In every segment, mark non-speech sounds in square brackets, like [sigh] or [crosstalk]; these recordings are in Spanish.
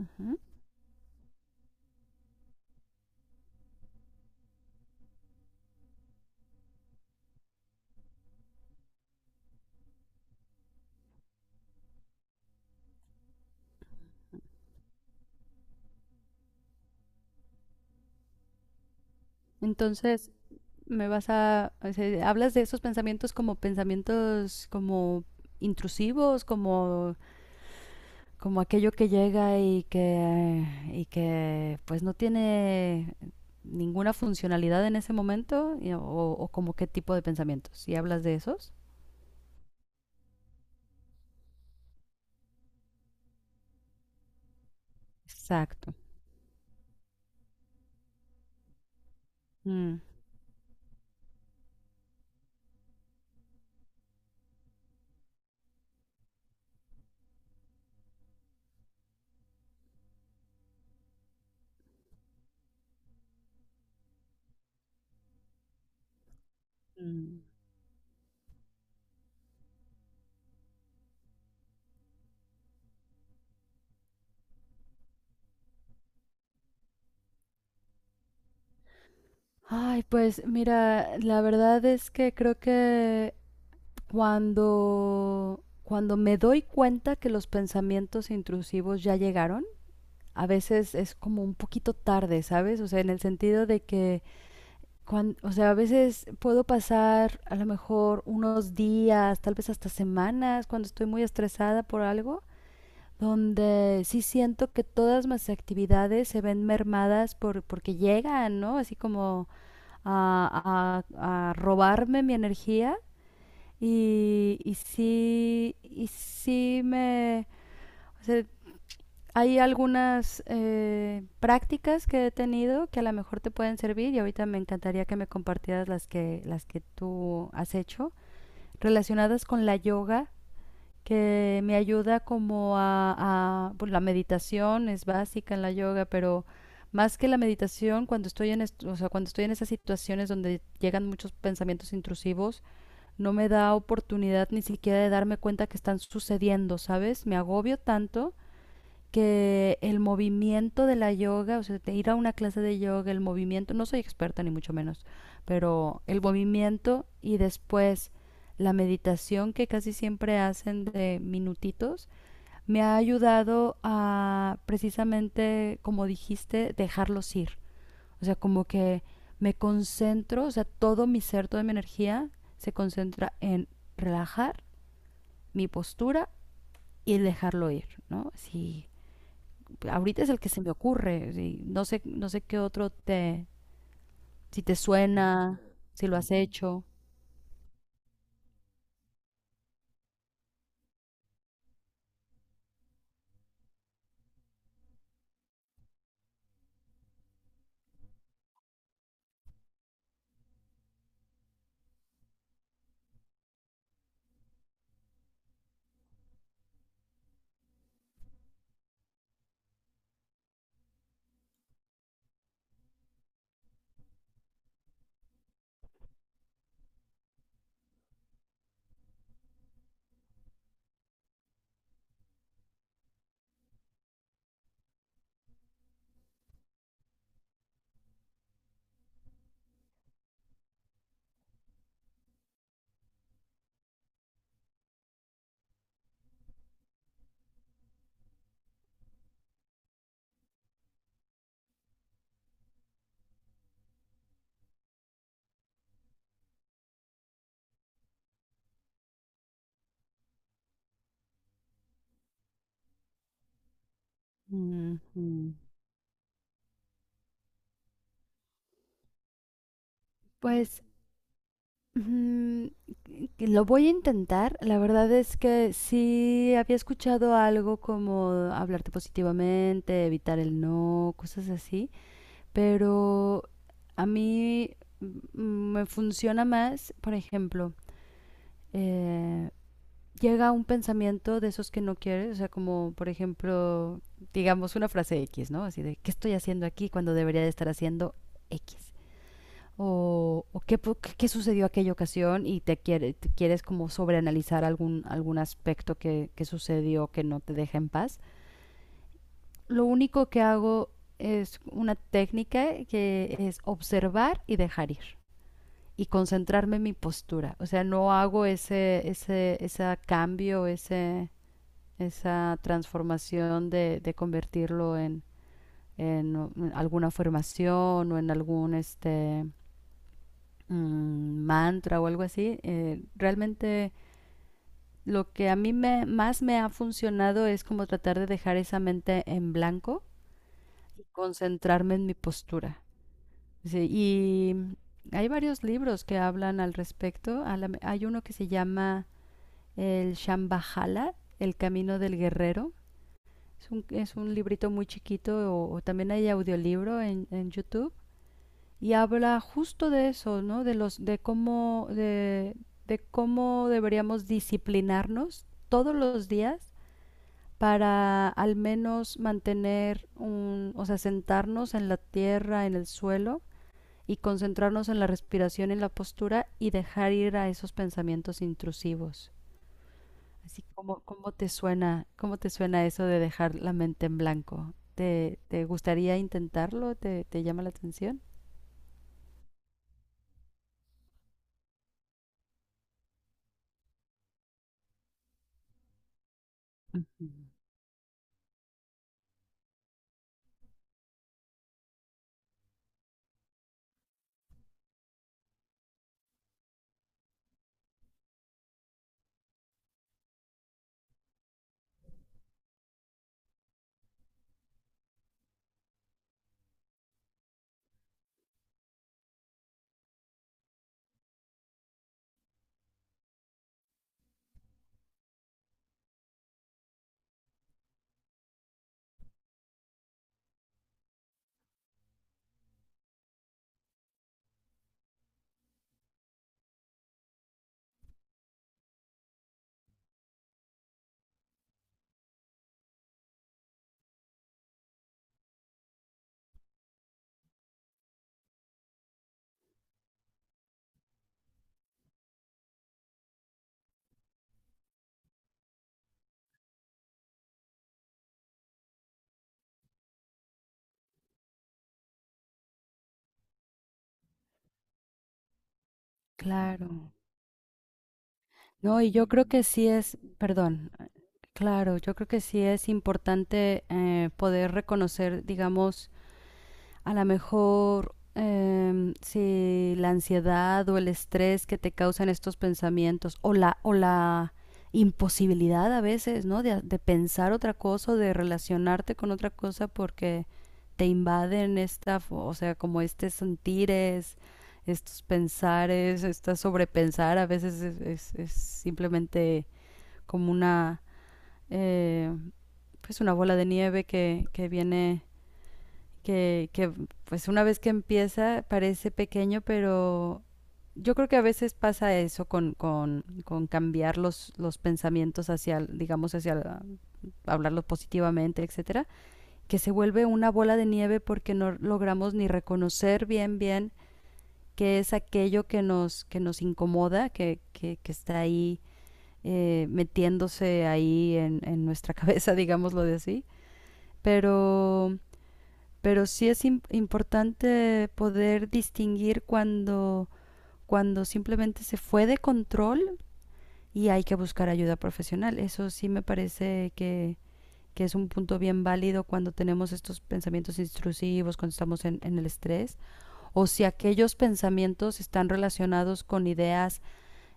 Ajá. Entonces, me vas a, o sea, hablas de esos pensamientos como intrusivos, como como aquello que llega y que pues no tiene ninguna funcionalidad en ese momento y- o como qué tipo de pensamientos. ¿Y hablas de esos? Exacto. Mm. Mm. Ay, pues mira, la verdad es que creo que cuando, cuando me doy cuenta que los pensamientos intrusivos ya llegaron, a veces es como un poquito tarde, ¿sabes? O sea, en el sentido de que, o sea, a veces puedo pasar a lo mejor unos días, tal vez hasta semanas, cuando estoy muy estresada por algo, donde sí siento que todas mis actividades se ven mermadas porque llegan, ¿no? Así como a robarme mi energía y sí me... O sea, hay algunas prácticas que he tenido que a lo mejor te pueden servir, y ahorita me encantaría que me compartieras las que tú has hecho relacionadas con la yoga, que me ayuda como a pues, la meditación es básica en la yoga, pero más que la meditación, cuando estoy o sea, cuando estoy en esas situaciones donde llegan muchos pensamientos intrusivos, no me da oportunidad ni siquiera de darme cuenta que están sucediendo, ¿sabes? Me agobio tanto que el movimiento de la yoga, o sea, de ir a una clase de yoga, el movimiento, no soy experta ni mucho menos, pero el movimiento y después la meditación que casi siempre hacen de minutitos, me ha ayudado a precisamente, como dijiste, dejarlos ir. O sea, como que me concentro, o sea, todo mi ser, toda mi energía se concentra en relajar mi postura y el dejarlo ir, ¿no? Sí, ahorita es el que se me ocurre. Sí. No sé, no sé qué otro te, si te suena, si lo has hecho. Ujú. Pues mm, que lo voy a intentar. La verdad es que sí había escuchado algo como hablarte positivamente, evitar el no, cosas así, pero a mí mm, me funciona más, por ejemplo, eh, llega un pensamiento de esos que no quieres, o sea, como por ejemplo, digamos una frase X, ¿no? Así de, ¿qué estoy haciendo aquí cuando debería de estar haciendo X? O ¿qué, qué, sucedió aquella ocasión y te, te quieres como sobreanalizar algún, algún aspecto que sucedió que no te deja en paz. Lo único que hago es una técnica que es observar y dejar ir y concentrarme en mi postura. O sea, no hago ese cambio, ese, esa transformación de convertirlo en, alguna formación o en algún este mantra o algo así. Realmente lo que a mí me, más me ha funcionado es como tratar de dejar esa mente en blanco y concentrarme en mi postura. Sí, y hay varios libros que hablan al respecto. Hay uno que se llama El Shambhala, El Camino del Guerrero. Es un librito muy chiquito, o también hay audiolibro en YouTube y habla justo de eso, ¿no? De los, de cómo deberíamos disciplinarnos todos los días para al menos mantener un, o sea, sentarnos en la tierra, en el suelo y concentrarnos en la respiración y la postura y dejar ir a esos pensamientos intrusivos. Así como, cómo te suena eso de dejar la mente en blanco? ¿Te, te gustaría intentarlo? ¿Te, te llama la atención? Ujú. Claro. No, y yo creo que sí es, perdón, claro, yo creo que sí es importante poder reconocer, digamos, a lo mejor si la ansiedad o el estrés que te causan estos pensamientos o la imposibilidad a veces, ¿no? De pensar otra cosa o de relacionarte con otra cosa porque te invaden esta, o sea, como este sentires, estos pensares, esta sobrepensar a veces es, es simplemente como una, eh, pues una bola de nieve que viene que pues una vez que empieza parece pequeño, pero yo creo que a veces pasa eso con cambiar los pensamientos hacia, digamos, hacia la- hablarlos positivamente, etcétera, que se vuelve una bola de nieve porque no logramos ni reconocer bien, bien qué es aquello que nos incomoda, que está ahí metiéndose ahí en nuestra [laughs] cabeza, digámoslo de así. Pero pero sí es importante poder distinguir cuando, cuando simplemente se fue de control y hay que buscar ayuda profesional. Eso sí me parece que es un punto bien válido cuando tenemos estos pensamientos intrusivos, cuando estamos en el estrés, o si aquellos pensamientos están relacionados con ideas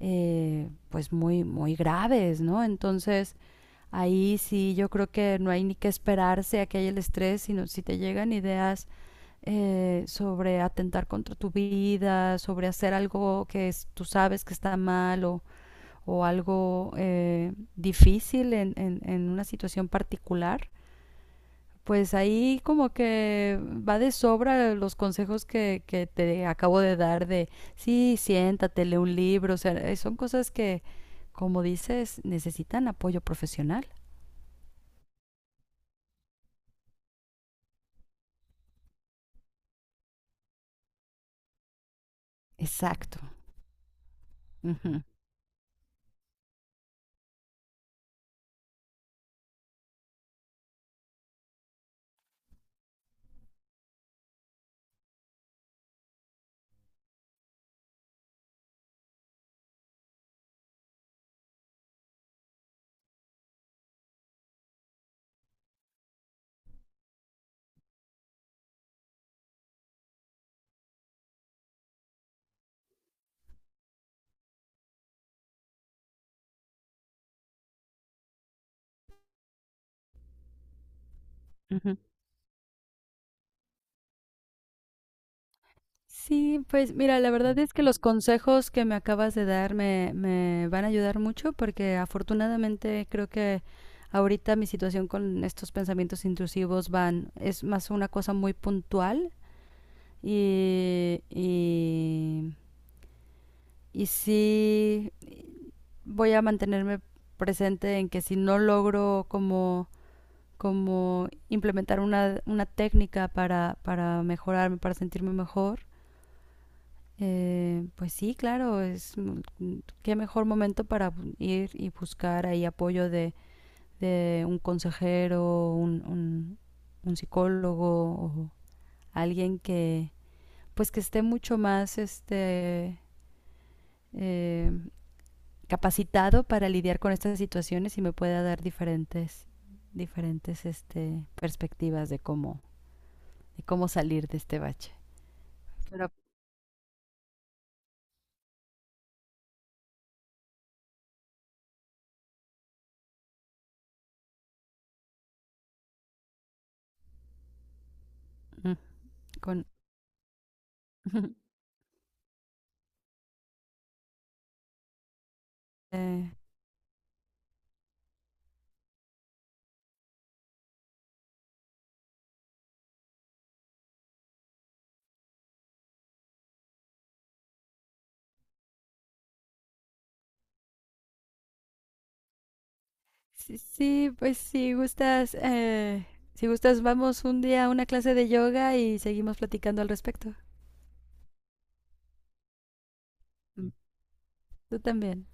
pues muy, muy graves, ¿no? Entonces, ahí sí yo creo que no hay ni que esperarse a que haya el estrés, sino si te llegan ideas sobre atentar contra tu vida, sobre hacer algo que tú sabes que está mal, o algo difícil en, en una situación particular, pues ahí como que va de sobra los consejos que te acabo de dar de, sí, siéntate, lee un libro, o sea, son cosas que como dices, necesitan apoyo profesional. Exacto. Uh -huh. Uh -huh. Sí, pues mira, la verdad es que los consejos que me acabas de dar me, me van a ayudar mucho porque afortunadamente creo que ahorita mi situación con estos pensamientos intrusivos van, es más una cosa muy puntual y, y, y sí voy a mantenerme presente en que si no logro como como implementar una técnica para mejorarme, para sentirme mejor, pues sí, claro, es qué mejor momento para ir y buscar ahí apoyo de un consejero, un, psicólogo o alguien que pues que esté mucho más este eh, capacitado para lidiar con estas situaciones y me pueda dar diferentes diferentes este perspectivas de cómo salir de este bache. Pero mm, con... [laughs] eh, sí, sí, pues si gustas, si gustas, vamos un día a una clase de yoga y seguimos platicando al respecto. Mm, tú también.